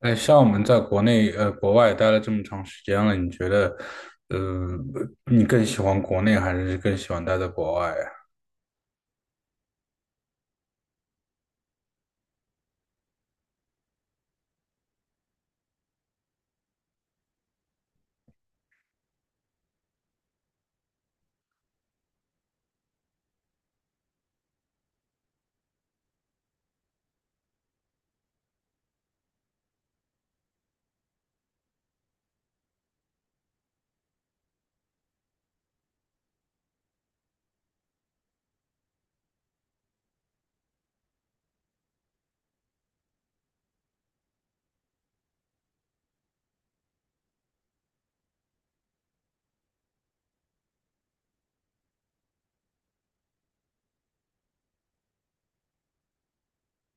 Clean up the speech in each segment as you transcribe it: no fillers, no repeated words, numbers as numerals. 哎，像我们在国内国外待了这么长时间了，你觉得，呃，你更喜欢国内还是更喜欢待在国外呀？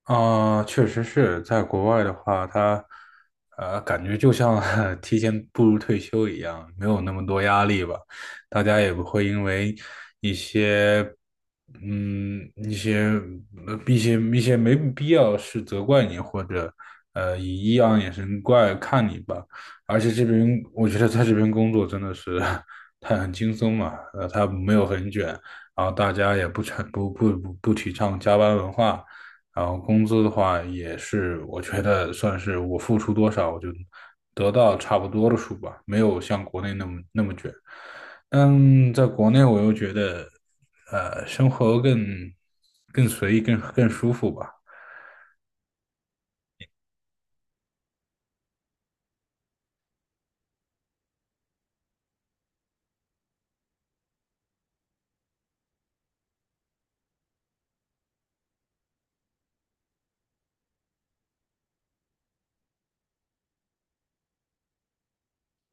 啊、确实是在国外的话，他感觉就像 提前步入退休一样，没有那么多压力吧。大家也不会因为一些嗯一些呃一些一些没必要的事责怪你，或者以异样眼神怪看你吧。而且这边我觉得在这边工作真的是 他很轻松嘛，他没有很卷，然后大家也不成不不不不提倡加班文化。然后工资的话也是，我觉得算是我付出多少，我就得到差不多的数吧，没有像国内那么卷。但在国内，我又觉得，生活更随意，更舒服吧。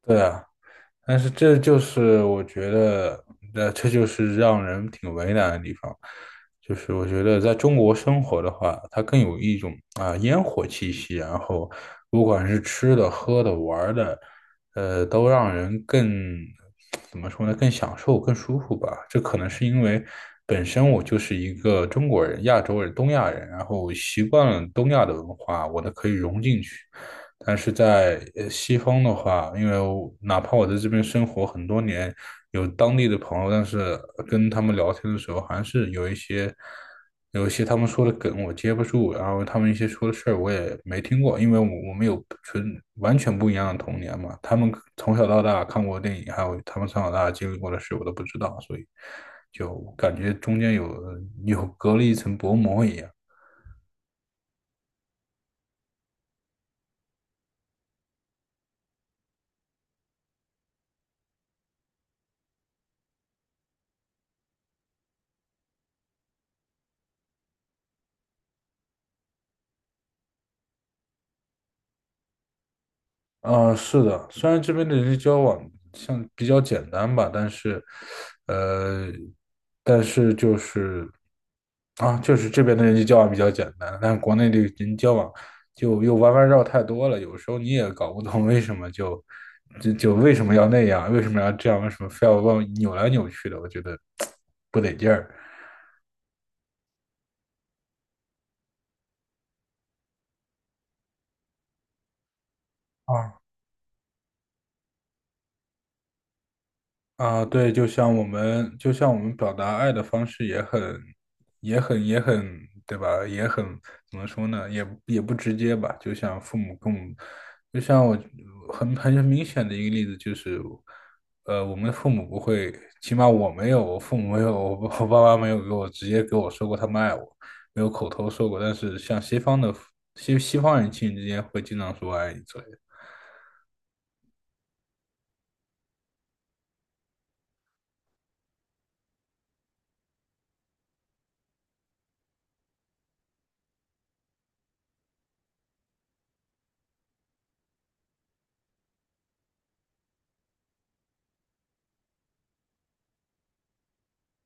对啊。但是这就是我觉得，那这就是让人挺为难的地方，就是我觉得在中国生活的话，它更有一种烟火气息，然后不管是吃的、喝的、玩儿的，都让人更怎么说呢，更享受、更舒服吧。这可能是因为本身我就是一个中国人、亚洲人、东亚人，然后习惯了东亚的文化，我呢可以融进去。但是在西方的话，因为我哪怕我在这边生活很多年，有当地的朋友，但是跟他们聊天的时候，还是有一些他们说的梗我接不住，然后他们一些说的事儿我也没听过，因为我们有完全不一样的童年嘛，他们从小到大看过的电影，还有他们从小到大经历过的事，我都不知道，所以就感觉中间有隔了一层薄膜一样。是的，虽然这边的人际交往像比较简单吧，但是，呃，但是就是这边的人际交往比较简单，但是国内的人际交往就又弯弯绕太多了，有时候你也搞不懂为什么就就就为什么要那样，为什么要这样，为什么非要往扭来扭去的，我觉得 不得劲儿。啊。啊，对，就像我们，就像我们表达爱的方式也很，对吧？怎么说呢？也不直接吧。就像父母跟我们，就像我很明显的一个例子就是，我们的父母不会，起码我没有，我父母没有，我爸妈没有直接给我说过他们爱我，没有口头说过。但是像西方的西方人亲人之间会经常说爱你之类的。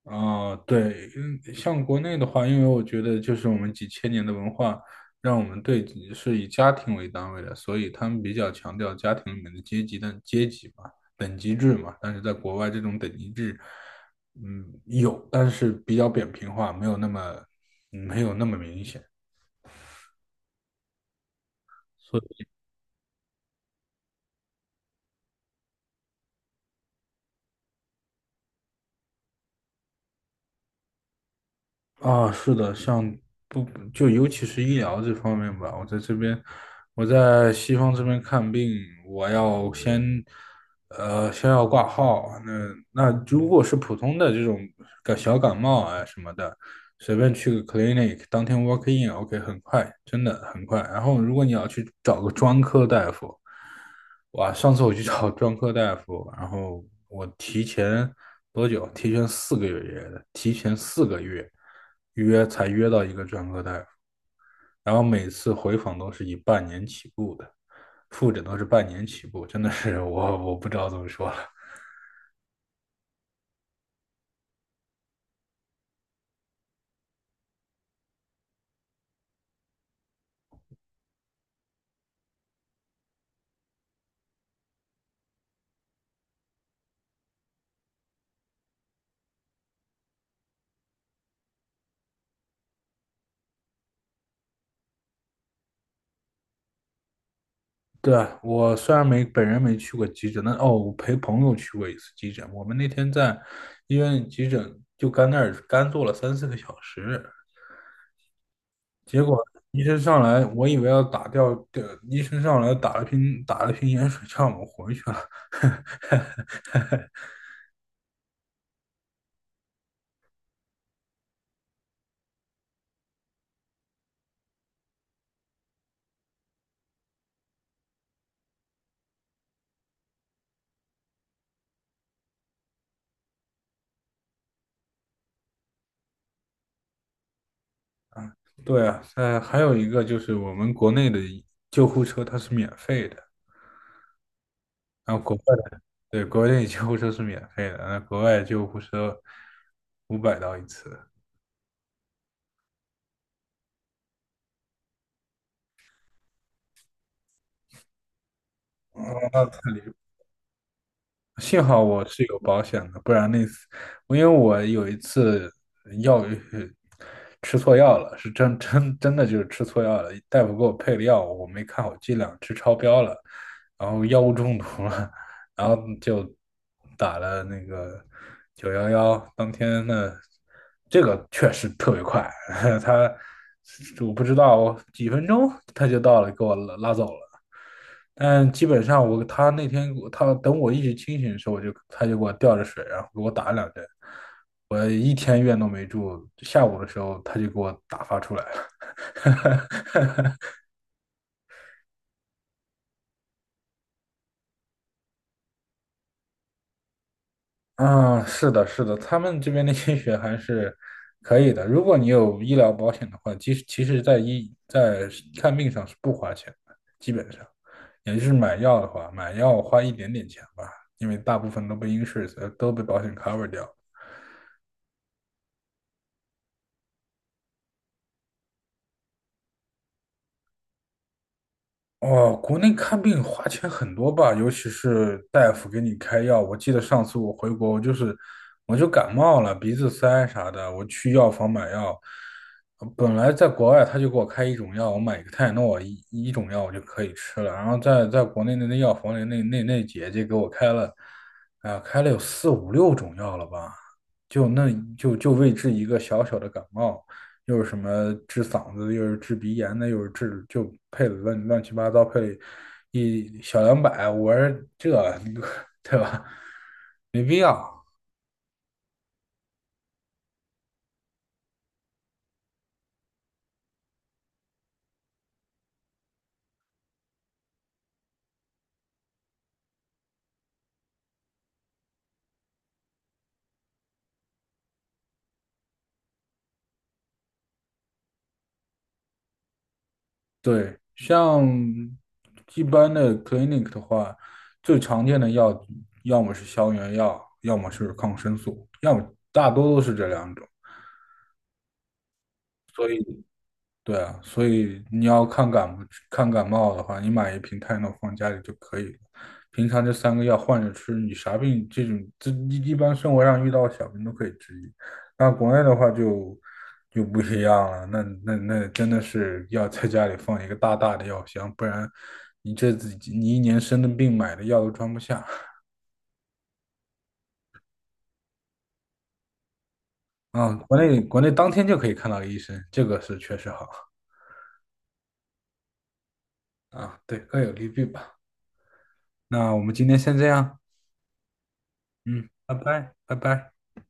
啊，对，像国内的话，因为我觉得就是我们几千年的文化，让我们对是以家庭为单位的，所以他们比较强调家庭里面的阶级的阶级嘛，等级制嘛。但是在国外，这种等级制，嗯，有，但是比较扁平化，没有那么明显。啊，是的，像不就尤其是医疗这方面吧，我在这边，我在西方这边看病，我要先要挂号。那如果是普通的这种小感冒啊什么的，随便去个 clinic，当天 walk in，OK，很快，真的很快。然后如果你要去找个专科大夫，哇，上次我去找专科大夫，然后我提前多久？提前四个月约的，提前四个月才约到一个专科大夫，然后每次回访都是以半年起步的，复诊都是半年起步，真的是我不知道怎么说了。对，啊，我虽然没本人没去过急诊，但哦，我陪朋友去过一次急诊。我们那天在医院急诊就干那儿干坐了3、4个小时，结果医生上来，我以为要打吊，对，医生上来打了瓶盐水，叫我们回去了。对啊，还有一个就是我们国内的救护车它是免费的，然后国外的，对，国内救护车是免费的，那国外救护车500刀一次，哦，那太离谱。幸好我是有保险的，不然那次，因为我有一次药呃吃错药了，是真的就是吃错药了，大夫给我配的药我没看好剂量，吃超标了，然后药物中毒了，然后就打了那个911，当天呢，这个确实特别快，他我不知道几分钟他就到了，给我拉走了。但基本上那天他等我一直清醒的时候，他就给我吊着水，然后给我打了2针，我一天院都没住。下午的时候他就给我打发出来了。啊，是的，是的，他们这边的医学还是可以的。如果你有医疗保险的话，其实在看病上是不花钱的，基本上，也就是买药的话，买药花一点点钱吧，因为大部分都被保险 cover 掉。哦，国内看病花钱很多吧，尤其是大夫给你开药。我记得上次我回国，我就感冒了，鼻子塞啥的，我去药房买药。本来在国外他就给我开一种药，我买一个泰诺一种药我就可以吃了。然后在国内的那药房里，那姐姐给我开了，啊、开了有四五六种药了吧，就那就就为治一个小小的感冒。又是什么治嗓子又是治鼻炎的，又是治就配的乱七八糟，配了一小两百，我说这对吧？没必要。对，像一般的 clinic 的话，最常见的药要么是消炎药，要么是抗生素，要么大多都是这两种。对啊，所以你要看感冒的话，你买一瓶泰诺放家里就可以了。平常这三个药换着吃，你啥病这种一般生活上遇到的小病都可以治愈。那国内的话就不一样了，那真的是要在家里放一个大大的药箱，不然你这自己你一年生的病买的药都装不下啊。国内当天就可以看到医生，这个是确实好啊。对，各有利弊吧。那我们今天先这样，嗯，拜拜，拜拜。